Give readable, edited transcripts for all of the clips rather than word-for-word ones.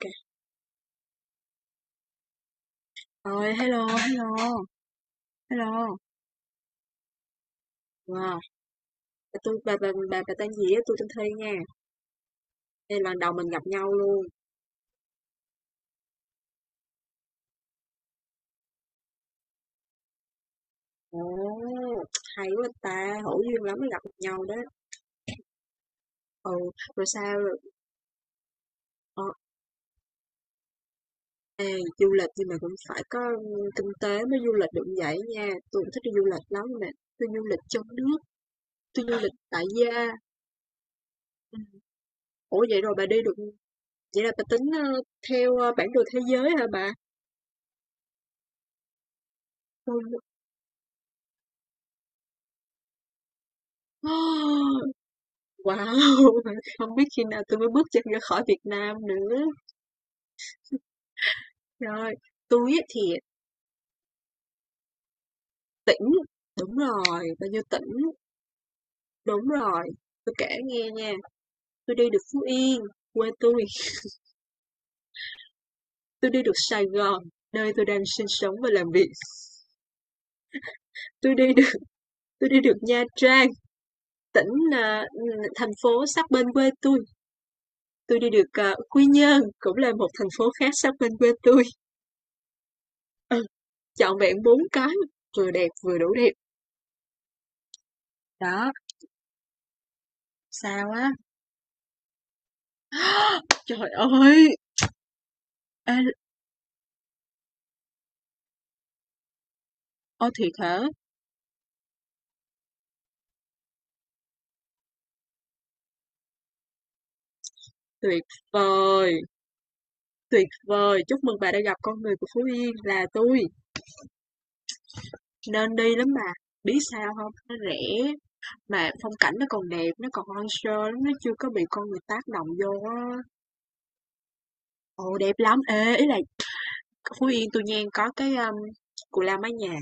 Kê. Rồi, hello, hello, hello. Wow, bà tui bà tên gì á? Tôi tên Thi nha. Đây là lần đầu mình gặp nhau luôn. Ồ, hay quá ta, hữu duyên lắm mới gặp được nhau đó. Ừ, rồi sao? Rồi? Ờ, ê, du lịch nhưng mà cũng phải có kinh tế mới du lịch được vậy nha. Tôi cũng thích đi du lịch lắm nè. Tôi du lịch trong nước, tôi du lịch tại gia. Ừ. Ủa vậy rồi bà đi được, vậy là bà tính theo bản đồ thế giới hả bà? Ôi, Wow! Không biết khi nào tôi mới bước chân ra khỏi Việt Nam nữa. Rồi tôi tui á thì tỉnh đúng rồi, bao nhiêu tỉnh, đúng rồi, tôi kể nghe nha. Tôi đi được Phú Yên, quê tôi. Tôi đi được Sài Gòn, nơi tôi đang sinh sống và làm việc. tôi đi được tôi đi được Nha Trang, tỉnh, à, thành phố sát bên quê tôi. Tôi đi được, Quy Nhơn, cũng là một thành phố khác sát bên quê tôi. Ừ, trọn vẹn 4 cái, vừa đẹp vừa đủ đẹp. Đó, sao á. Trời ơi! Ê, ơ, thiệt hả? Tuyệt vời, tuyệt vời! Chúc mừng bà đã gặp con người của Phú Yên là tôi. Nên đi lắm bà. Biết sao không? Nó rẻ, mà phong cảnh nó còn đẹp, nó còn hoang sơ lắm, nó chưa có bị con người tác động vô á. Ồ, đẹp lắm! Ê, ý là Phú Yên tôi nha có cái, Cù Lao Mái Nhà.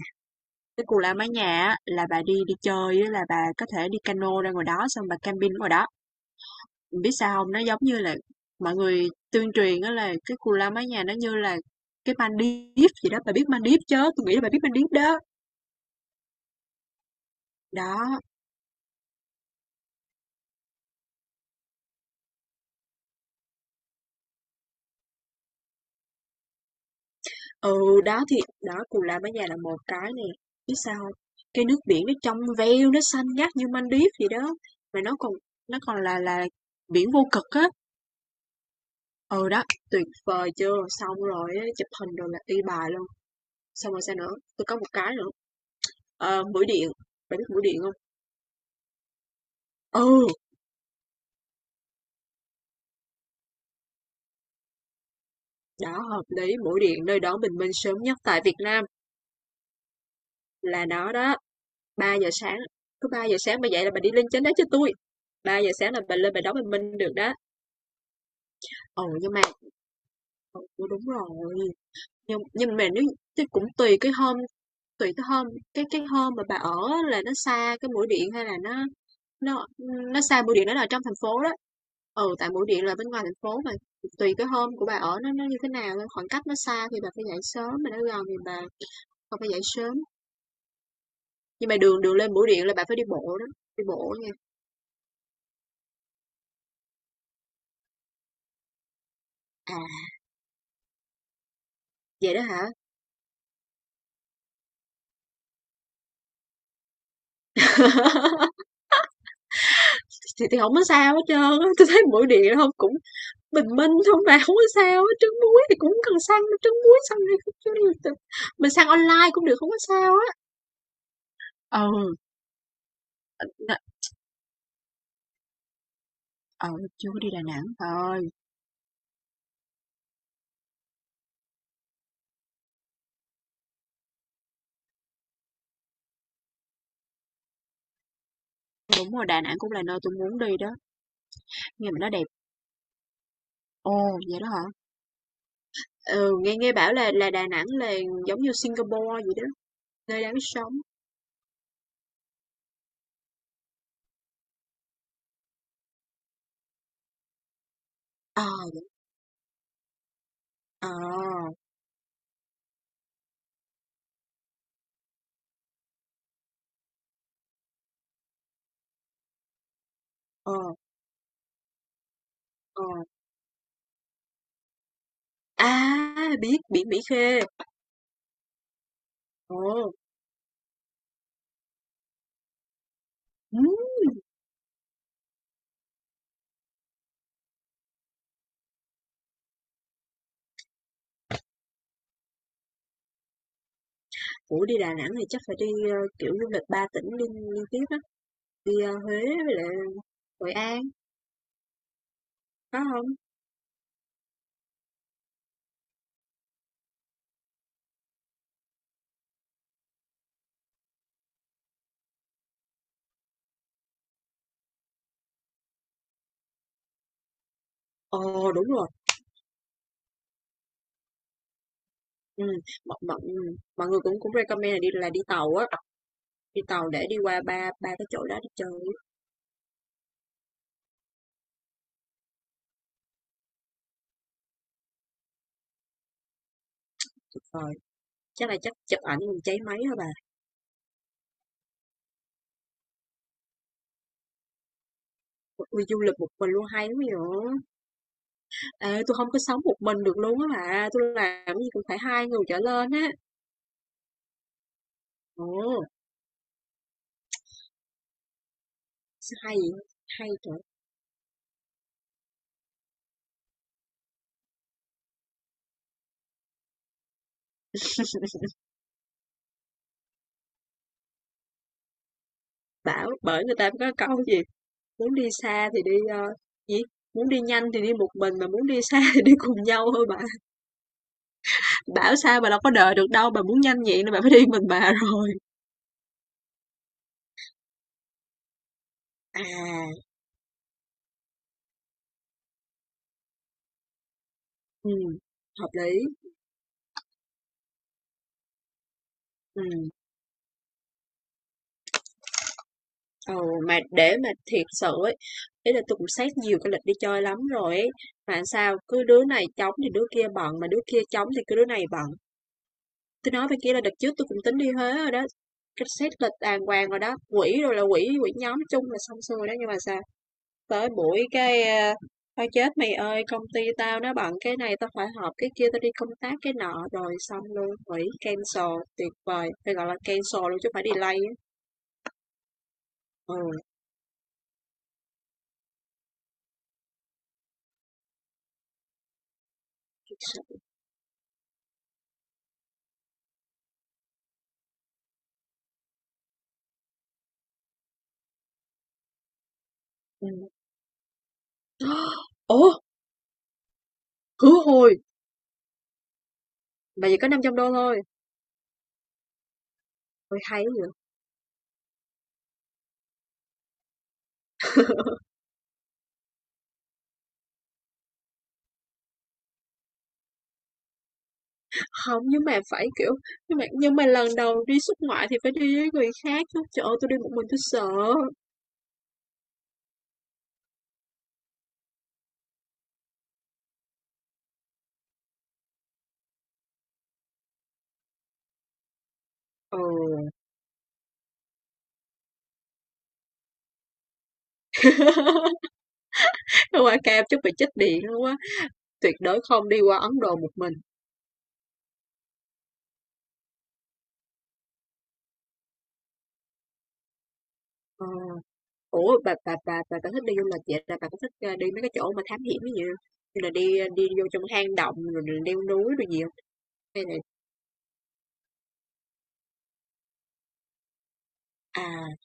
Cái Cù Lao Mái Nhà á, là bà đi đi chơi á là bà có thể đi cano ra ngoài đó xong bà camping ở ngoài đó. Biết sao không? Nó giống như là mọi người tuyên truyền đó, là cái cù la mái nhà nó như là cái Maldives gì đó, bà biết Maldives chứ, tôi nghĩ là bà biết Maldives đó. Đó, ừ, đó thì đó, cù la mái nhà là một cái nè, biết sao không? Cái nước biển nó trong veo, nó xanh ngắt như Maldives gì đó, mà nó còn là biển vô cực á. Ừ, đó, tuyệt vời chưa? Xong rồi chụp hình rồi là y bài luôn. Xong rồi sao nữa? Tôi có một cái nữa, mũi điện, bà biết mũi điện không? Ừ. Đó, hợp lý, mũi điện nơi đón bình minh sớm nhất tại Việt Nam là nó đó. 3 giờ sáng, cứ 3 giờ sáng bà dậy là bà đi lên trên đó cho tôi. 3 giờ sáng là bà lên bà đón bình minh được đó. Ồ nhưng mà ừ, đúng rồi, nhưng mà nếu chứ cũng tùy cái hôm, cái hôm mà bà ở là nó xa cái mũi điện hay là nó nó nó xa mũi điện, nó là trong thành phố đó. Ừ, tại mũi điện là bên ngoài thành phố mà tùy cái hôm của bà ở nó như thế nào thôi, khoảng cách nó xa thì bà phải dậy sớm, mà nó gần thì bà phải dậy sớm. Nhưng mà đường đường lên Bưu Điện là bạn phải đi bộ đó, đi bộ nha. À, vậy đó hả? Thì không có sao hết trơn, tôi thấy Bưu Điện không cũng bình minh thôi mà, không có sao hết, trứng muối thì cũng cần săn đâu, trứng muối săn đi, mình săn online cũng được, không có sao á. Ừ, ờ, chưa có đi Đà Nẵng, trời đúng rồi, Đà Nẵng cũng là nơi tôi muốn đi đó, nghe mà nói đẹp. Ồ, vậy đó hả? Ừ, nghe nghe bảo là Đà Nẵng là giống như Singapore vậy đó, nơi đáng sống. Ờ, ờ, ờ, ờ. À, biết biển Mỹ Khê. Ồ. Ừ. Ủa đi Đà Nẵng thì chắc phải đi kiểu du lịch ba tỉnh liên liên tiếp á, đi Huế với lại Hội An, có không? Ồ đúng rồi. Ừ, mọi mọi ừ, mọi người cũng cũng recommend là đi đi tàu á, đi tàu để đi qua ba ba cái chỗ đó đi chơi á. Tuyệt vời. Chắc là chắc chụp ảnh còn cháy máy hả bà. Ui, du lịch một mình luôn hay lắm vậy. Ê, tôi không có sống một mình được luôn á bà. Tôi làm cái gì cũng phải hai người trở lên á. Ồ, sao hay vậy? Hay Bảo bởi người ta có câu gì, muốn đi xa thì đi, gì, muốn đi nhanh thì đi một mình, mà muốn đi xa thì đi cùng nhau thôi bà. Bảo sao bà đâu có đợi được đâu, bà muốn nhanh vậy nên bà phải đi mình bà rồi. À, ừm, hợp lý, ừ, ồ, mà để mà thiệt sự ấy, ý là tôi cũng xét nhiều cái lịch đi chơi lắm rồi ấy, mà sao cứ đứa này trống thì đứa kia bận, mà đứa kia trống thì cứ đứa này bận. Tôi nói bên kia là đợt trước tôi cũng tính đi Huế rồi đó, cái xét lịch đàng hoàng rồi đó, quỹ rồi là quỹ quỹ nhóm chung là xong xuôi đó nhưng mà sao tới buổi cái, a, "Thôi chết mày ơi, công ty tao nó bận cái này tao phải họp cái kia, tao đi công tác cái nọ" rồi xong luôn, hủy, cancel, tuyệt vời, phải gọi là cancel luôn chứ không phải delay á. Ừ, thiệt. Ủa, khứ hồi, mà chỉ có 500 đô thôi, ôi hay quá vậy. Hông, nhưng mà phải, kiểu, nhưng mà lần đầu đi xuất ngoại thì phải đi với người khác chứ, trời ơi, tui đi một mình tui sợ. Ừ. Qua Cam chắc bị chích điện luôn á, tuyệt đối không đi qua Ấn Độ một mình. Ờ. Ủa, bà thích đi du lịch vậy là bà có thích, đi mấy cái chỗ mà thám hiểm giống như như là đi, đi vô trong hang động rồi rồi leo núi rồi gì không? Hay là à.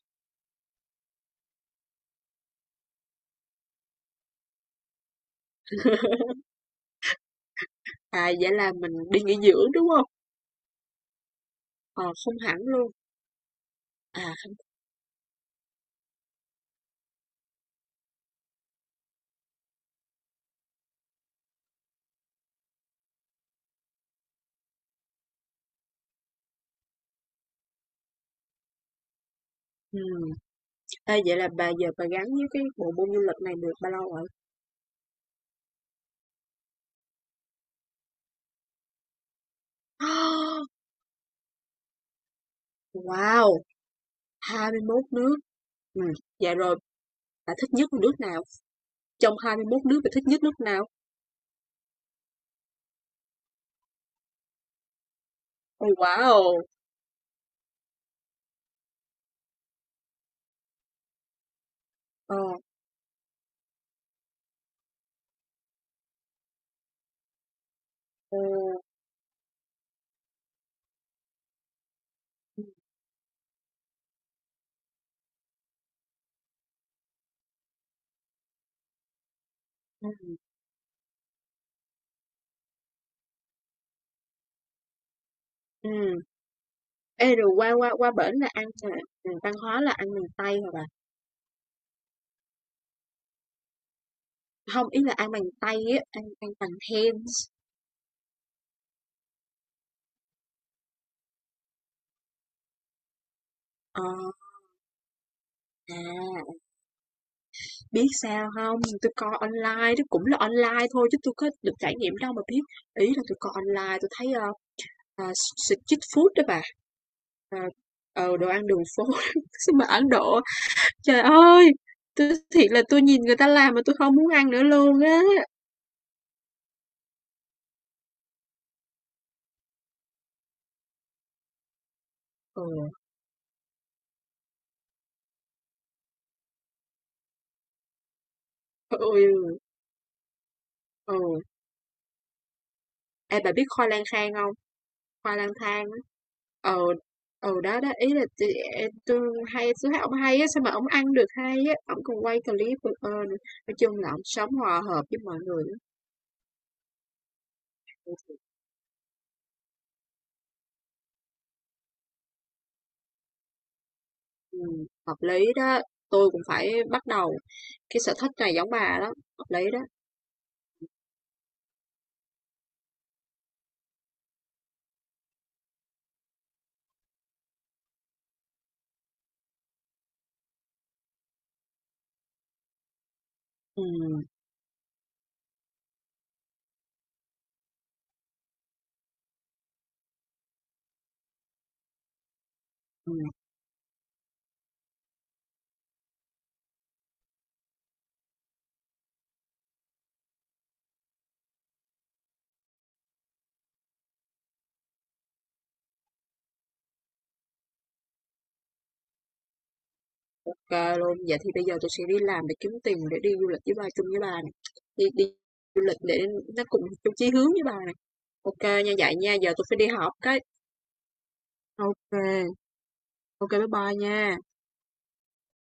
À, vậy là mình đi nghỉ dưỡng, đúng không? Ờ, không hẳn luôn. À, không, ừm, ê, vậy là bà giờ bà gắn với cái bộ môn du lịch này được bao lâu rồi? Wow, 21 nước. Ừ, vậy rồi bà thích nhất là nước nào? Trong 21 nước bà thích nhất nước nào? Oh wow! Ờ, ờ, ừm, ừm, ừm. Ê, rồi qua qua qua bển là ăn là văn hóa là ăn bằng tay hả bà? Không, ý là ăn bằng tay á, ăn ăn bằng hands. Ờ, à, biết sao không? Tôi coi online, tôi cũng là online thôi chứ tôi có được trải nghiệm đâu mà biết. Ý là tôi coi online, tôi thấy à, street food đó bà. À, ờ, đồ ăn đường phố. Sao mà Ấn Độ, trời ơi! Tôi thiệt là tôi nhìn người ta làm mà tôi không muốn ăn nữa luôn á. Ừ, ôi, ừ. Ê, bà biết khoai lang khang không? Hoa lang thang á. Ừ, ừ đó đó ý là chị tôi hay tôi thấy ông hay á sao mà ông ăn được hay á, ông còn quay clip burger nữa, nói chung là ông sống hòa hợp với mọi người á. Ừ, hợp lý đó, tôi cũng phải bắt đầu cái sở thích này giống bà đó, hợp lý đó, ừ, ừ, ok luôn. Vậy thì bây giờ tôi sẽ đi làm để kiếm tiền để đi du lịch với bà, chung với bà này. Đi, đi du lịch để nó cùng chung chí hướng với bà này, ok nha. Vậy nha giờ tôi phải đi họp cái, ok, ok, bye bye nha.